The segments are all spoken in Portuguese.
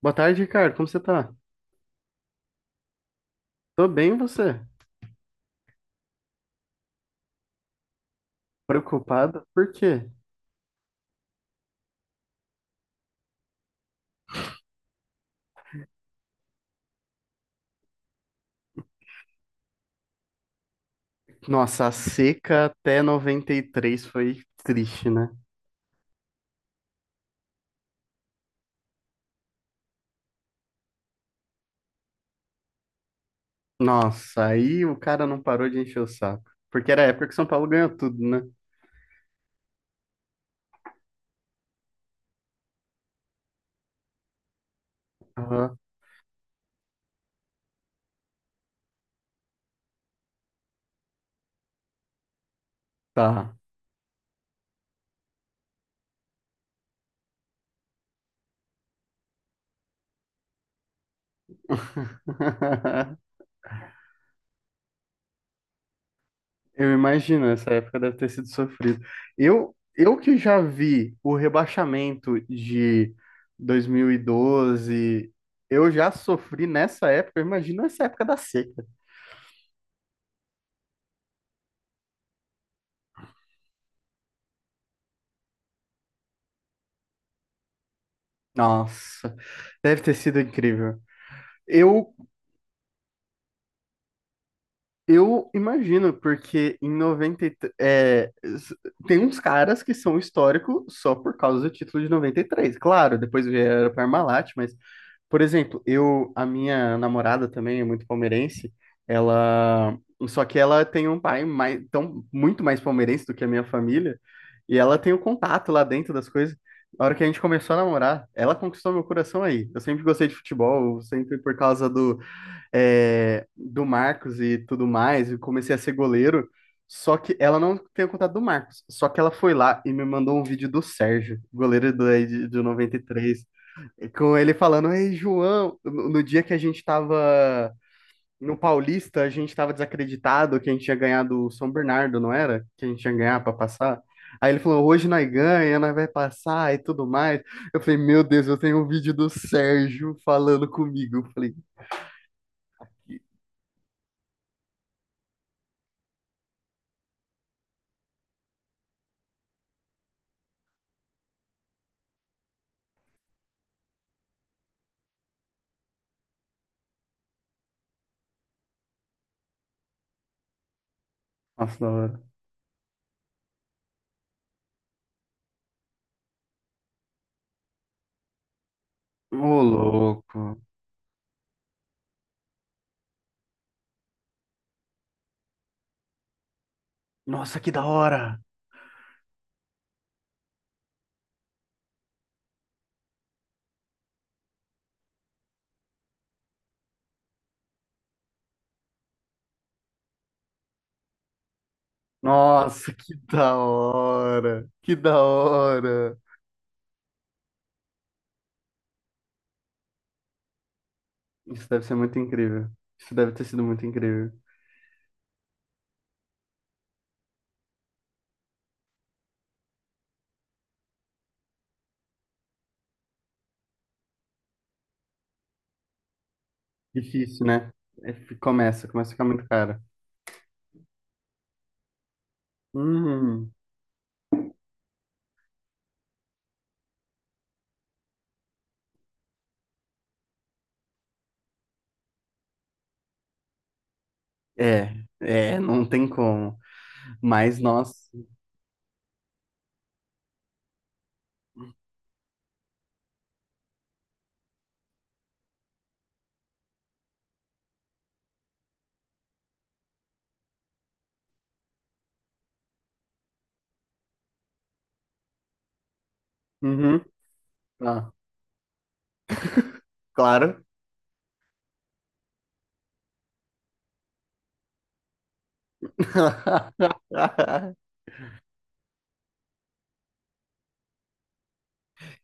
Boa tarde, Ricardo. Como você tá? Tô bem, e você? Preocupado? Por quê? Nossa, a seca até 93 foi triste, né? Nossa, aí o cara não parou de encher o saco. Porque era a época que São Paulo ganhou tudo, né? Ah, tá. Eu imagino, essa época deve ter sido sofrido. Eu que já vi o rebaixamento de 2012, eu já sofri nessa época, eu imagino essa época da seca. Nossa, deve ter sido incrível. Eu, eu imagino, porque em 93, tem uns caras que são históricos só por causa do título de 93. Claro, depois vieram para Parmalat, mas por exemplo, a minha namorada também é muito palmeirense, ela, só que ela tem um pai mais, tão, muito mais palmeirense do que a minha família, e ela tem o contato lá dentro das coisas. A hora que a gente começou a namorar, ela conquistou meu coração aí. Eu sempre gostei de futebol, sempre por causa do, é, do Marcos e tudo mais, eu comecei a ser goleiro, só que ela não tem o contato do Marcos, só que ela foi lá e me mandou um vídeo do Sérgio, goleiro do, de 93 com ele falando, Ei, João, no dia que a gente tava no Paulista, a gente tava desacreditado que a gente tinha ganhado o São Bernardo, não era? Que a gente ia ganhar pra passar. Aí ele falou, hoje nós ganha, nós vai passar e tudo mais. Eu falei, meu Deus, eu tenho um vídeo do Sérgio falando comigo. Eu falei, "Que- nossa, da hora. Ô, louco. Nossa, que da hora. Nossa, que da hora. Que da hora. Isso deve ser muito incrível. Isso deve ter sido muito incrível. Difícil, né? É, f- Começa a ficar muito caro. Hum, é, é, não tem como. Mas, nós uhum, ah, claro.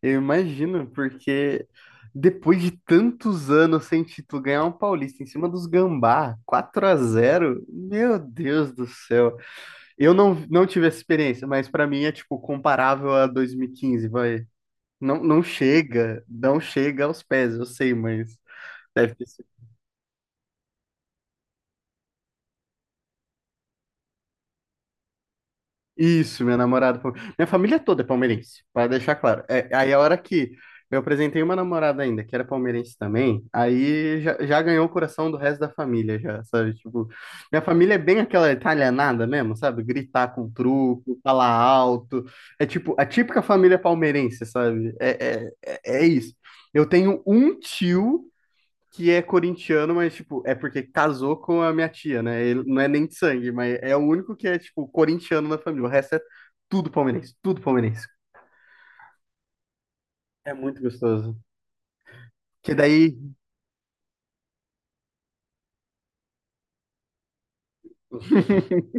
Eu imagino, porque depois de tantos anos sem título, ganhar um Paulista em cima dos Gambá, 4-0 meu Deus do céu. Eu não, não tive essa experiência, mas pra mim é tipo comparável a 2015 vai. Não, não chega, não chega aos pés, eu sei, mas deve ter isso, meu namorado. Pal- Minha família toda é palmeirense, para deixar claro. É, aí a hora que eu apresentei uma namorada ainda, que era palmeirense também, aí já, já ganhou o coração do resto da família, já, sabe? Tipo, minha família é bem aquela italianada mesmo, sabe? Gritar com truco, falar alto. É tipo, a típica família palmeirense, sabe? É, é, é isso. Eu tenho um tio que é corintiano, mas, tipo, é porque casou com a minha tia, né? Ele não é nem de sangue, mas é o único que é, tipo, corintiano na família. O resto é tudo palmeirense, tudo palmeirense. É muito gostoso. Que daí.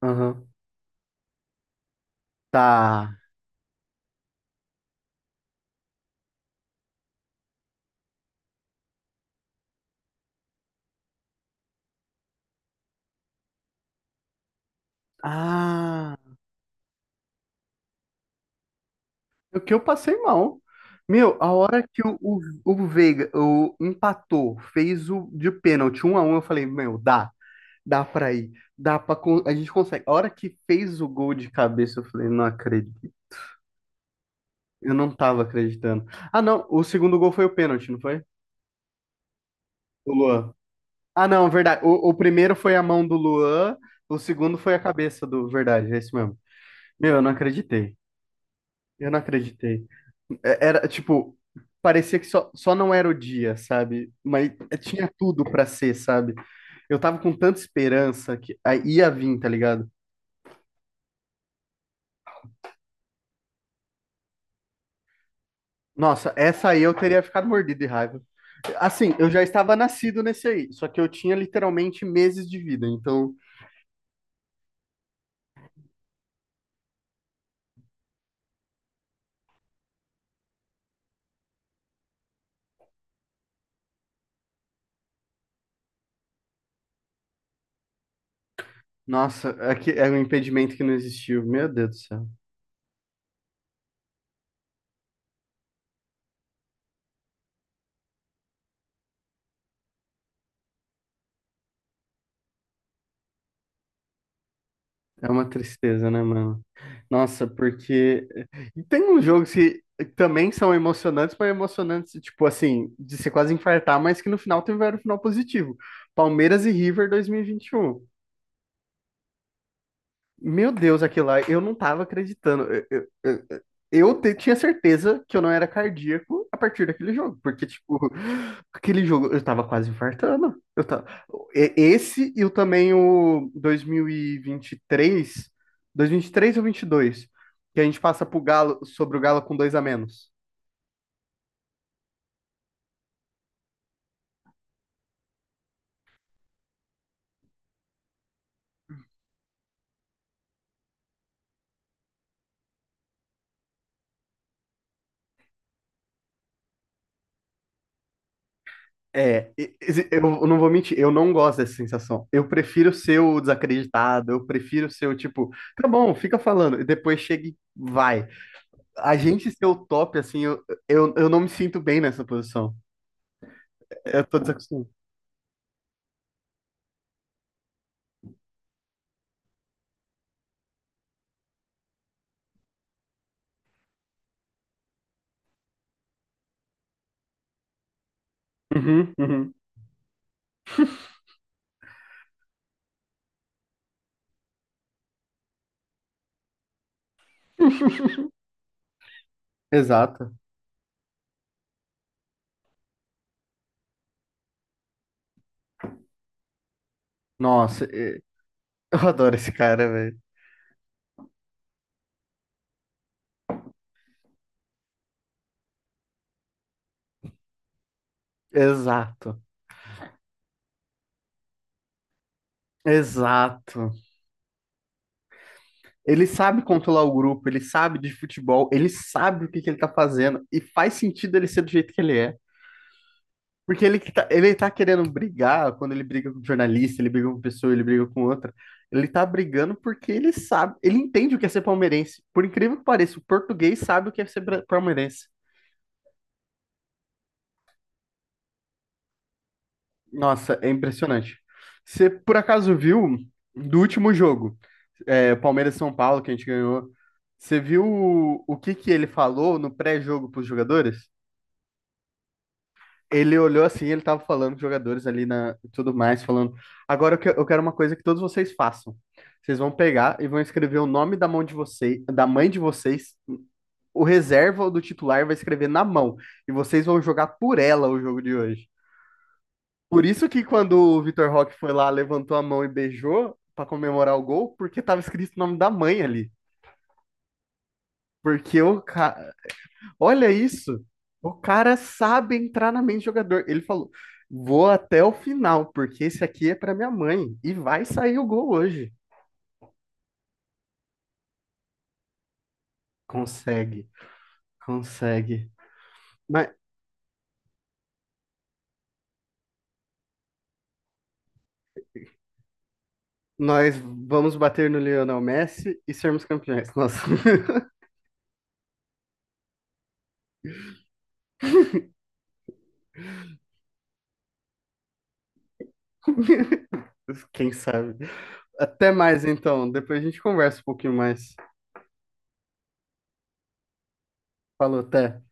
Aham. Tá. Ah, o que eu passei mal. Meu, a hora que o Veiga o, empatou, fez o de pênalti 1-1 eu falei, meu, dá, dá pra ir, dá pra. Con- A gente consegue. A hora que fez o gol de cabeça, eu falei, não acredito. Eu não tava acreditando. Ah, não. O segundo gol foi o pênalti, não foi? O Luan. Ah, não, verdade. O primeiro foi a mão do Luan, o segundo foi a cabeça do. Verdade, é isso mesmo. Meu, eu não acreditei. Eu não acreditei. É- Era, tipo, parecia que só, não era o dia, sabe? Mas tinha tudo pra ser, sabe? Eu tava com tanta esperança que aí ia vir, tá ligado? Nossa, essa aí eu teria ficado mordido de raiva. Assim, eu já estava nascido nesse aí, só que eu tinha literalmente meses de vida, então. Nossa, é que é um impedimento que não existiu. Meu Deus do céu. É uma tristeza, né, mano? Nossa, porque e tem uns jogos que também são emocionantes, mas emocionantes, tipo assim, de você quase infartar, mas que no final tiveram um final positivo. Palmeiras e River dois mil e vinte e um. Meu Deus, aquilo lá, eu não tava acreditando. Tinha certeza que eu não era cardíaco a partir daquele jogo, porque, tipo, aquele jogo eu tava quase infartando. Eu tava... e- Esse e o também o 2023, três ou 22 que a gente passa pro Galo, sobre o Galo com dois a menos. Eu não vou mentir, eu não gosto dessa sensação. Eu prefiro ser o desacreditado, eu prefiro ser o tipo, tá bom, fica falando, e depois chega e vai. A gente ser o top, assim, eu não me sinto bem nessa posição. Eu tô desacostumado. Uhum, uhum. Exato. Nossa, e- eu adoro esse cara, velho. Exato. Exato. Ele sabe controlar o grupo, ele sabe de futebol, ele sabe o que que ele tá fazendo e faz sentido ele ser do jeito que ele é. Porque ele que tá, ele tá querendo brigar, quando ele briga com um jornalista, ele briga com pessoa, ele briga com outra. Ele tá brigando porque ele sabe, ele entende o que é ser palmeirense. Por incrível que pareça, o português sabe o que é ser bra- palmeirense. Nossa, é impressionante. Você por acaso viu do último jogo, é, Palmeiras e São Paulo, que a gente ganhou? Você viu o que que ele falou no pré-jogo pros jogadores? Ele olhou assim, ele tava falando com os jogadores ali na e tudo mais, falando. Agora eu que- eu quero uma coisa que todos vocês façam. Vocês vão pegar e vão escrever o nome da mão de vocês, da mãe de vocês, o reserva ou do titular vai escrever na mão. E vocês vão jogar por ela o jogo de hoje. Por isso que quando o Vitor Roque foi lá, levantou a mão e beijou pra comemorar o gol, porque tava escrito o nome da mãe ali. Porque o, ca- Olha isso! O cara sabe entrar na mente do jogador. Ele falou: vou até o final, porque esse aqui é para minha mãe. E vai sair o gol hoje. Consegue, consegue. Mas nós vamos bater no Lionel Messi e sermos campeões. Nossa, quem sabe? Até mais então. Depois a gente conversa um pouquinho mais. Falou, até.